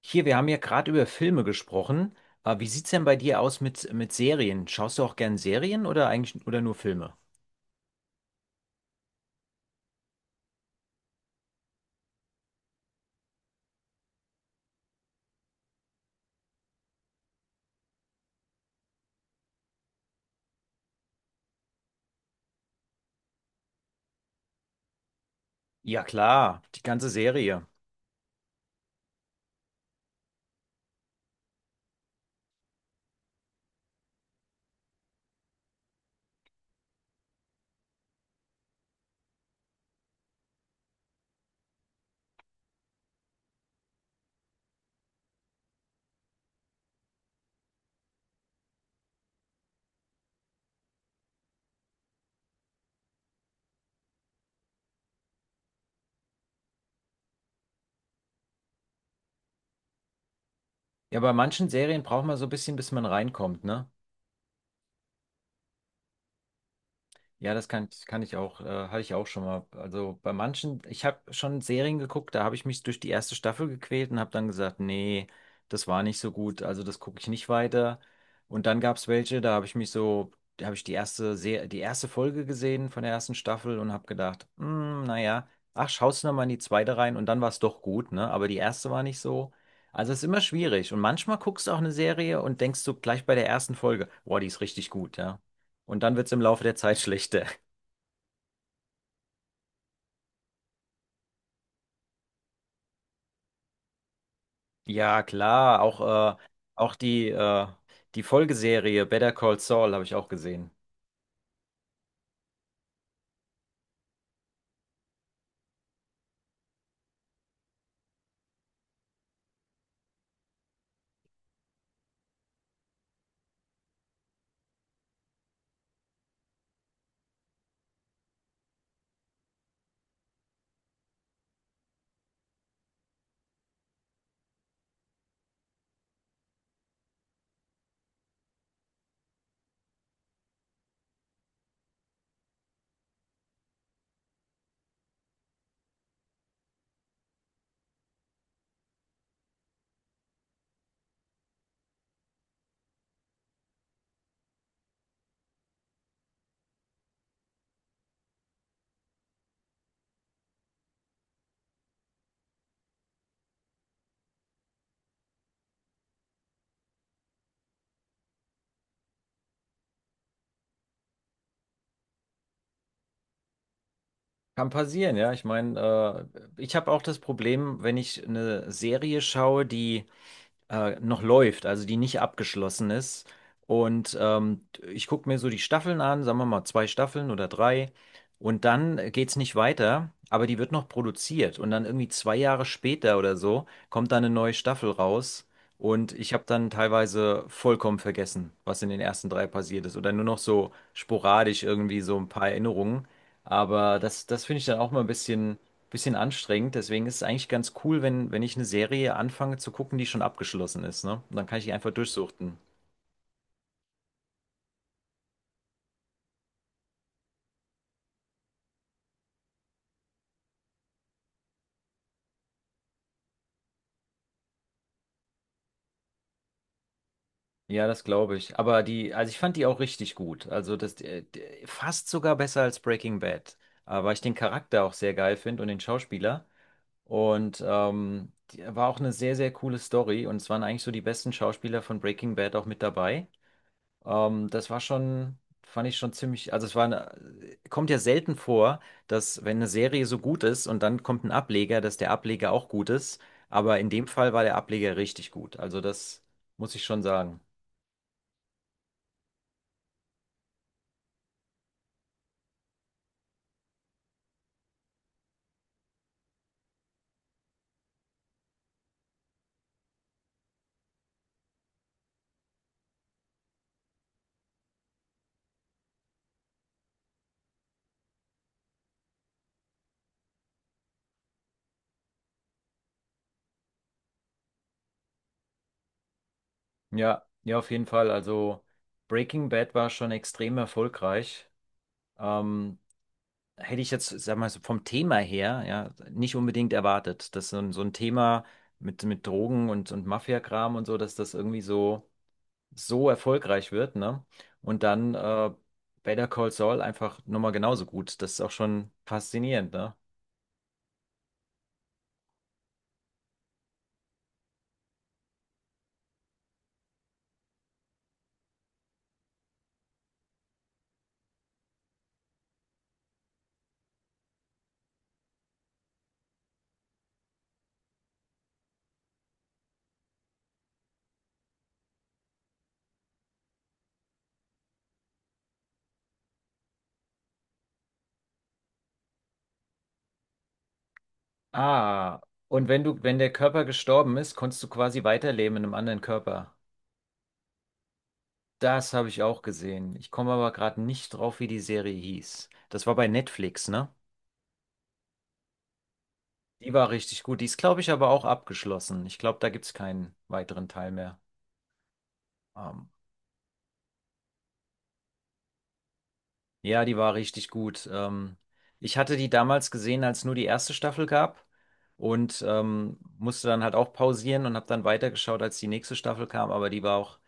Hier, wir haben ja gerade über Filme gesprochen. Wie sieht's denn bei dir aus mit Serien? Schaust du auch gern Serien oder eigentlich oder nur Filme? Ja, klar, die ganze Serie. Ja, bei manchen Serien braucht man so ein bisschen, bis man reinkommt, ne? Ja, das kann ich auch, hatte ich auch schon mal. Also bei manchen, ich habe schon Serien geguckt, da habe ich mich durch die erste Staffel gequält und habe dann gesagt, nee, das war nicht so gut, also das gucke ich nicht weiter. Und dann gab es welche, da habe ich mich so, da habe ich die erste Se die erste Folge gesehen von der ersten Staffel und habe gedacht, naja, ach, schaust du noch mal in die zweite rein und dann war es doch gut, ne? Aber die erste war nicht so. Also es ist immer schwierig. Und manchmal guckst du auch eine Serie und denkst du gleich bei der ersten Folge, boah, die ist richtig gut, ja. Und dann wird es im Laufe der Zeit schlechter. Ja, klar, auch, auch die Folgeserie Better Call Saul habe ich auch gesehen. Kann passieren, ja. Ich meine, ich habe auch das Problem, wenn ich eine Serie schaue, die noch läuft, also die nicht abgeschlossen ist. Und ich gucke mir so die Staffeln an, sagen wir mal zwei Staffeln oder drei. Und dann geht es nicht weiter, aber die wird noch produziert. Und dann irgendwie zwei Jahre später oder so kommt dann eine neue Staffel raus. Und ich habe dann teilweise vollkommen vergessen, was in den ersten drei passiert ist. Oder nur noch so sporadisch irgendwie so ein paar Erinnerungen. Aber das, das finde ich dann auch mal ein bisschen anstrengend. Deswegen ist es eigentlich ganz cool, wenn ich eine Serie anfange zu gucken, die schon abgeschlossen ist, ne? Und dann kann ich die einfach durchsuchten. Ja, das glaube ich. Aber die, also ich fand die auch richtig gut. Also fast sogar besser als Breaking Bad. Weil ich den Charakter auch sehr geil finde und den Schauspieler. Und war auch eine sehr, sehr coole Story. Und es waren eigentlich so die besten Schauspieler von Breaking Bad auch mit dabei. Das war schon, fand ich schon ziemlich, also es war eine, kommt ja selten vor, dass wenn eine Serie so gut ist und dann kommt ein Ableger, dass der Ableger auch gut ist. Aber in dem Fall war der Ableger richtig gut. Also das muss ich schon sagen. Ja, ja, auf jeden Fall. Also Breaking Bad war schon extrem erfolgreich. Ähm, Hätte ich jetzt, sag mal, so vom Thema her, ja, nicht unbedingt erwartet, dass so ein Thema mit Drogen und Mafia-Kram und so, dass das irgendwie so erfolgreich wird, ne? Und dann Better Call Saul einfach nochmal genauso gut. Das ist auch schon faszinierend, ne? Ah, und wenn du, wenn der Körper gestorben ist, konntest du quasi weiterleben in einem anderen Körper. Das habe ich auch gesehen. Ich komme aber gerade nicht drauf, wie die Serie hieß. Das war bei Netflix, ne? Die war richtig gut. Die ist, glaube ich, aber auch abgeschlossen. Ich glaube, da gibt es keinen weiteren Teil mehr. Ähm, Ja, die war richtig gut. Ich hatte die damals gesehen, als nur die erste Staffel gab und musste dann halt auch pausieren und habe dann weitergeschaut, als die nächste Staffel kam. Aber die war auch,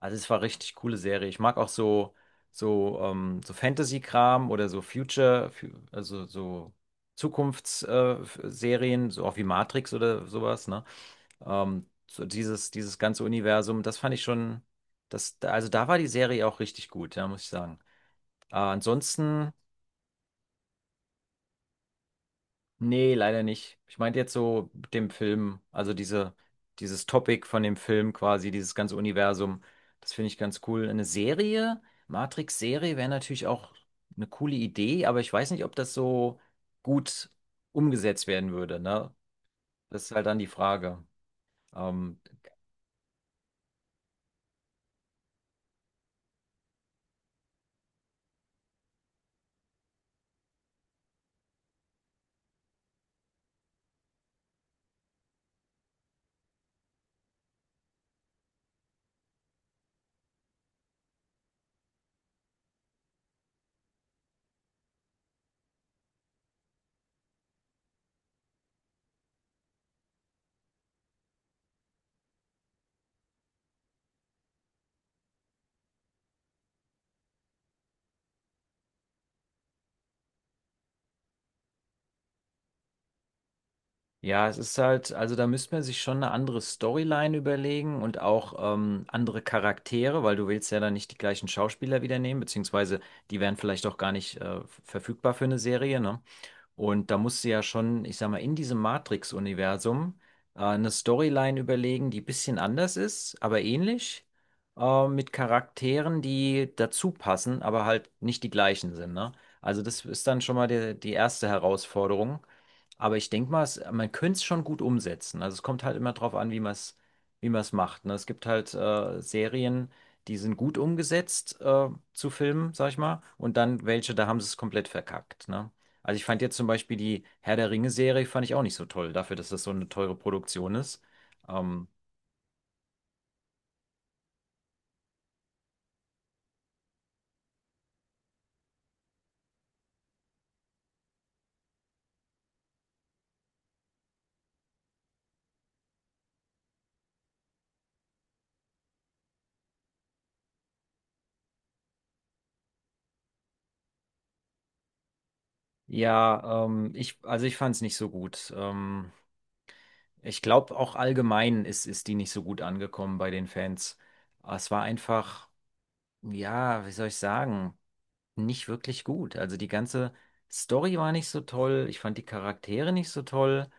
also es war richtig coole Serie. Ich mag auch so so Fantasy-Kram oder so also so Zukunftsserien, so auch wie Matrix oder sowas. Ne, so dieses ganze Universum, das fand ich schon, das also da war die Serie auch richtig gut, ja, muss ich sagen. Ansonsten nee, leider nicht. Ich meinte jetzt so mit dem Film, dieses Topic von dem Film quasi, dieses ganze Universum. Das finde ich ganz cool. Matrix-Serie wäre natürlich auch eine coole Idee, aber ich weiß nicht, ob das so gut umgesetzt werden würde, ne? Das ist halt dann die Frage. Ähm, Ja, es ist halt, also da müsste man sich schon eine andere Storyline überlegen und auch andere Charaktere, weil du willst ja dann nicht die gleichen Schauspieler wieder nehmen, beziehungsweise die wären vielleicht auch gar nicht verfügbar für eine Serie, ne? Und da musst du ja schon, ich sag mal, in diesem Matrix-Universum eine Storyline überlegen, die ein bisschen anders ist, aber ähnlich, mit Charakteren, die dazu passen, aber halt nicht die gleichen sind, ne? Also das ist dann schon mal die erste Herausforderung. Aber ich denke mal, man könnte es schon gut umsetzen. Also es kommt halt immer drauf an, wie man es macht. Ne? Es gibt halt Serien, die sind gut umgesetzt zu Filmen, sag ich mal, und dann welche, da haben sie es komplett verkackt. Ne? Also ich fand jetzt zum Beispiel die Herr der Ringe-Serie, fand ich auch nicht so toll, dafür, dass das so eine teure Produktion ist. Ähm, also ich fand es nicht so gut. Ich glaube, auch allgemein ist die nicht so gut angekommen bei den Fans. Es war einfach, ja, wie soll ich sagen? Nicht wirklich gut. Also die ganze Story war nicht so toll, ich fand die Charaktere nicht so toll.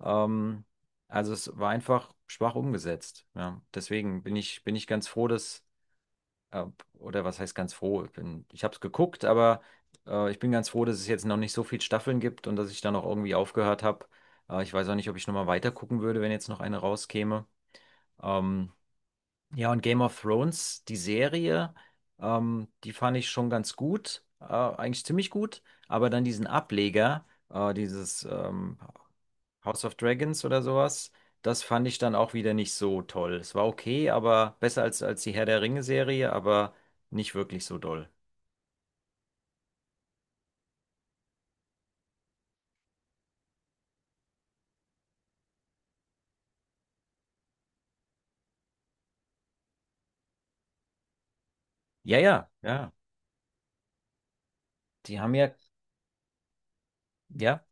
Ähm, also es war einfach schwach umgesetzt. Ja. Deswegen bin ich ganz froh, dass, äh, oder was heißt ganz froh? Ich habe es geguckt, aber ich bin ganz froh, dass es jetzt noch nicht so viele Staffeln gibt und dass ich da noch irgendwie aufgehört habe. Ich weiß auch nicht, ob ich nochmal weiter gucken würde, wenn jetzt noch eine rauskäme. Ähm, ja, und Game of Thrones, die Serie, die fand ich schon ganz gut, eigentlich ziemlich gut, aber dann diesen Ableger, dieses House of Dragons oder sowas, das fand ich dann auch wieder nicht so toll. Es war okay, aber besser als die Herr der Ringe-Serie, aber nicht wirklich so doll. Ja, ja, ja. Die haben ja, ja,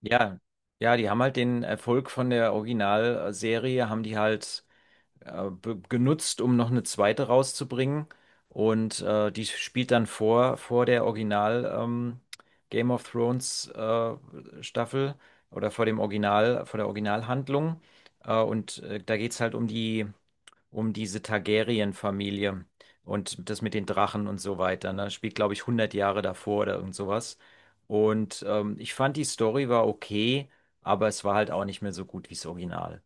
ja, ja, die haben halt den Erfolg von der Originalserie, haben die halt genutzt, um noch eine zweite rauszubringen. Und die spielt dann vor der Original Game of Thrones Staffel oder vor dem Original, vor der Originalhandlung. Und da geht es halt um um diese Targaryen-Familie und das mit den Drachen und so weiter. Ne? Spielt, glaube ich, 100 Jahre davor oder irgend sowas. Und ich fand, die Story war okay, aber es war halt auch nicht mehr so gut wie das Original.